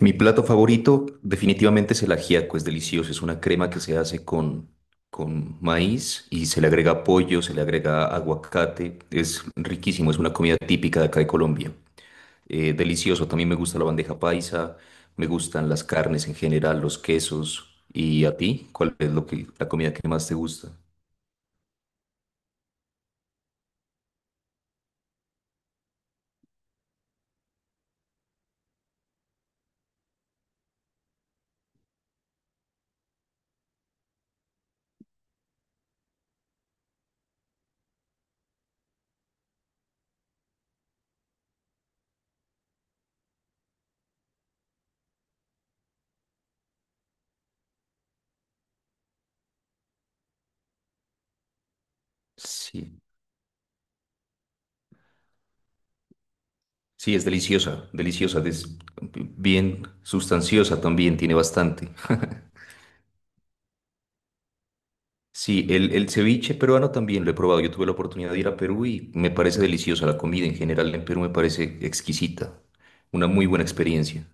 Mi plato favorito definitivamente es el ajiaco, es delicioso, es una crema que se hace con maíz y se le agrega pollo, se le agrega aguacate, es riquísimo, es una comida típica de acá de Colombia. Delicioso, también me gusta la bandeja paisa, me gustan las carnes en general, los quesos. ¿Y a ti? ¿Cuál es la comida que más te gusta? Sí, sí, es deliciosa, deliciosa, es bien sustanciosa también, tiene bastante. Sí, el ceviche peruano también lo he probado. Yo tuve la oportunidad de ir a Perú y me parece deliciosa la comida en general. En Perú me parece exquisita. Una muy buena experiencia.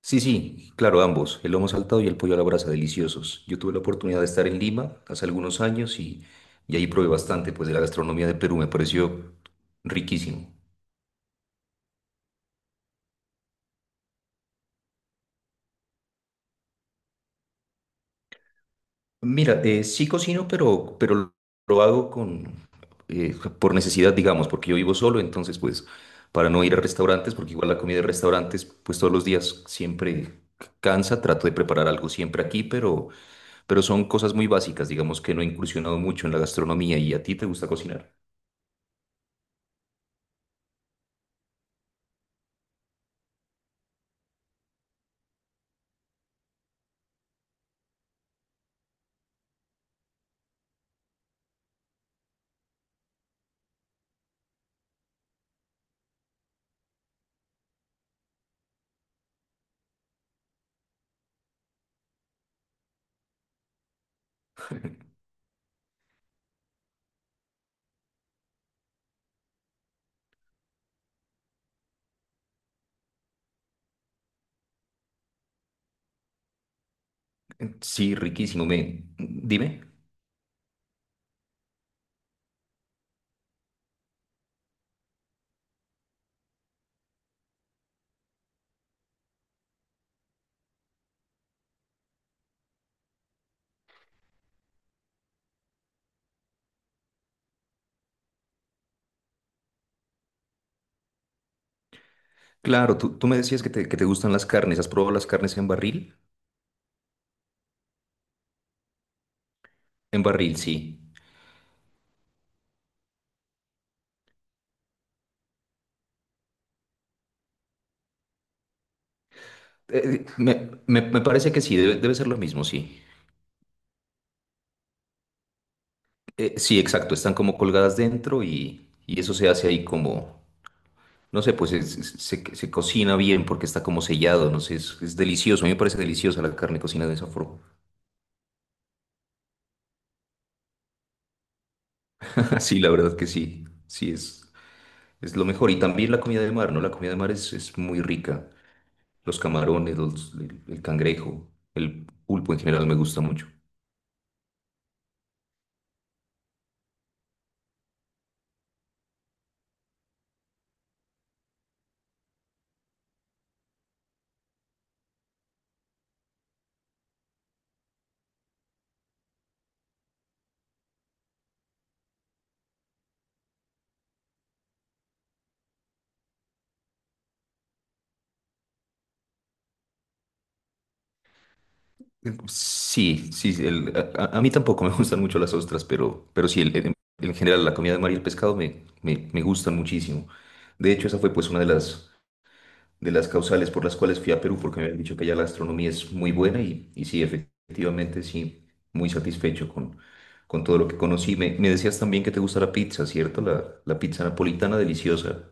Sí, sí, claro, ambos, el lomo saltado y el pollo a la brasa, deliciosos. Yo tuve la oportunidad de estar en Lima hace algunos años y ahí probé bastante, pues de la gastronomía de Perú me pareció riquísimo. Mira, sí cocino, pero lo hago por necesidad, digamos, porque yo vivo solo, entonces pues para no ir a restaurantes, porque igual la comida de restaurantes pues todos los días siempre cansa, trato de preparar algo siempre aquí, pero son cosas muy básicas, digamos que no he incursionado mucho en la gastronomía. ¿Y a ti te gusta cocinar? Sí, riquísimo, dime. Claro, tú me decías que te gustan las carnes. ¿Has probado las carnes en barril? En barril, sí. Me parece que sí, debe ser lo mismo, sí. Sí, exacto, están como colgadas dentro y eso se hace ahí como, no sé, pues se cocina bien porque está como sellado, no sé, es delicioso, a mí me parece deliciosa la carne cocinada de esa forma. Sí, la verdad que sí, sí, es lo mejor. Y también la comida de mar, ¿no? La comida de mar es muy rica, los camarones, el cangrejo, el pulpo en general me gusta mucho. Sí, sí, sí, a mí tampoco me gustan mucho las ostras, pero sí, en general la comida de mar y el pescado me gustan muchísimo. De hecho, esa fue pues una de de las causales por las cuales fui a Perú, porque me habían dicho que allá la gastronomía es muy buena y sí, efectivamente, sí, muy satisfecho con todo lo que conocí. Me decías también que te gusta la pizza, ¿cierto? La pizza napolitana deliciosa.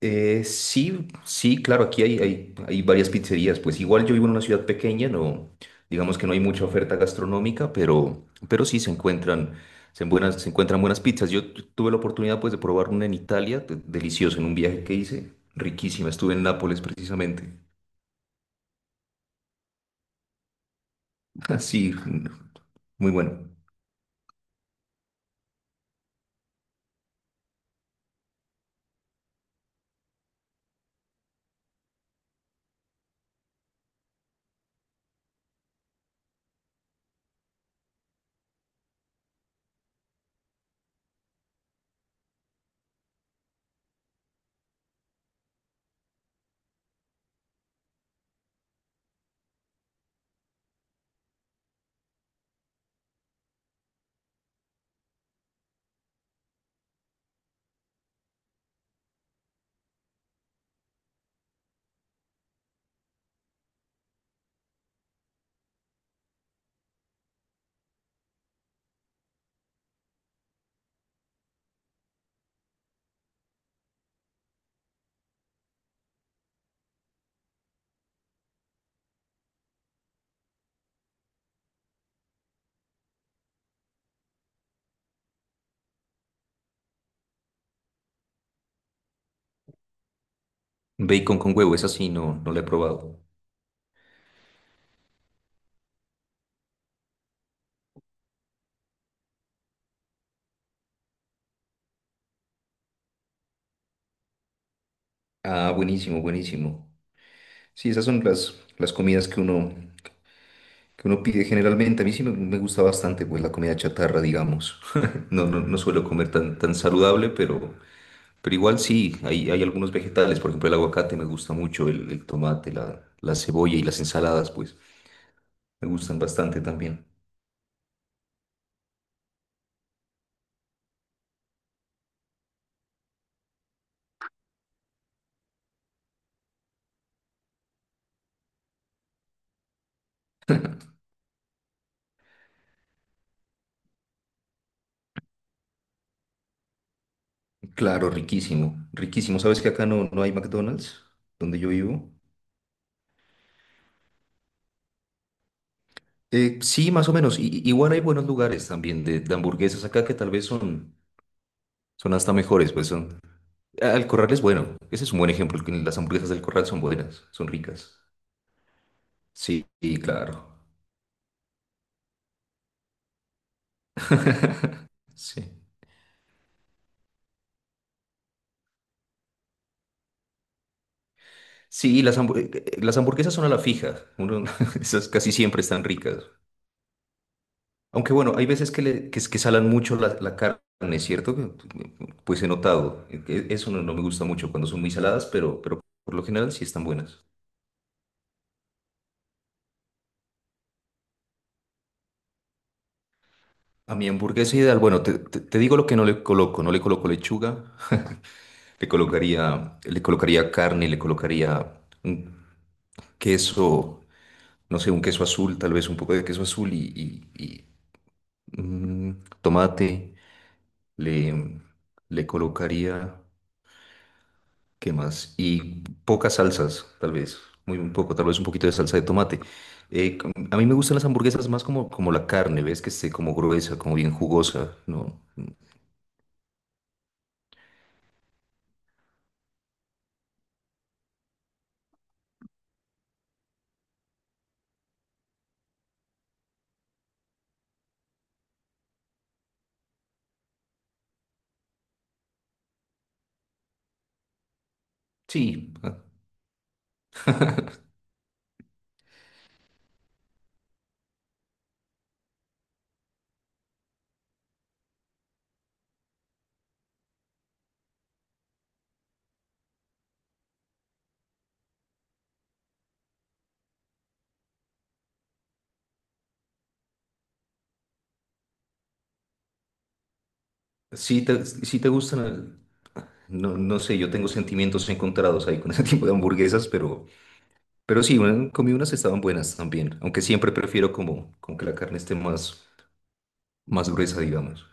Sí, sí, claro, aquí hay varias pizzerías. Pues igual yo vivo en una ciudad pequeña, no, digamos que no hay mucha oferta gastronómica, pero sí se encuentran, se encuentran buenas pizzas. Yo tuve la oportunidad pues de probar una en Italia, deliciosa, en un viaje que hice, riquísima. Estuve en Nápoles precisamente. Sí, muy bueno. Bacon con huevo, esa sí no, no la he probado. Ah, buenísimo, buenísimo. Sí, esas son las comidas que uno pide generalmente. A mí sí me gusta bastante pues la comida chatarra, digamos. No, no, no suelo comer tan, tan saludable, pero igual sí, hay algunos vegetales, por ejemplo el aguacate me gusta mucho, el tomate, la cebolla y las ensaladas, pues me gustan bastante también. Claro, riquísimo, riquísimo. ¿Sabes que acá no, no hay McDonald's donde yo vivo? Sí, más o menos. Igual hay buenos lugares también de hamburguesas acá que tal vez son, son hasta mejores, pues son, Al Corral es bueno. Ese es un buen ejemplo. Que Las hamburguesas del Corral son buenas, son ricas. Sí, y claro. Sí. Sí, las hamburguesas son a la fija. Esas casi siempre están ricas. Aunque bueno, hay veces que, le, que, es- que salan mucho la carne, ¿cierto? Que, pues he notado. Eso no, no me gusta mucho cuando son muy saladas, pero por lo general sí están buenas. A mi hamburguesa ideal, bueno, te digo lo que no le coloco. No le coloco lechuga. Le colocaría carne, le colocaría un queso, no sé, un queso azul, tal vez un poco de queso azul tomate. Le, le colocaría, ¿Qué más? Y pocas salsas, tal vez, muy un poco, tal vez un poquito de salsa de tomate. A mí me gustan las hamburguesas más como, como la carne, ¿ves? Que esté como gruesa, como bien jugosa, ¿no? Sí, sí te gustan, no, no sé, yo tengo sentimientos encontrados ahí con ese tipo de hamburguesas, pero... Pero sí, bueno, comí unas que estaban buenas también, aunque siempre prefiero como, como que la carne esté más, más gruesa, digamos.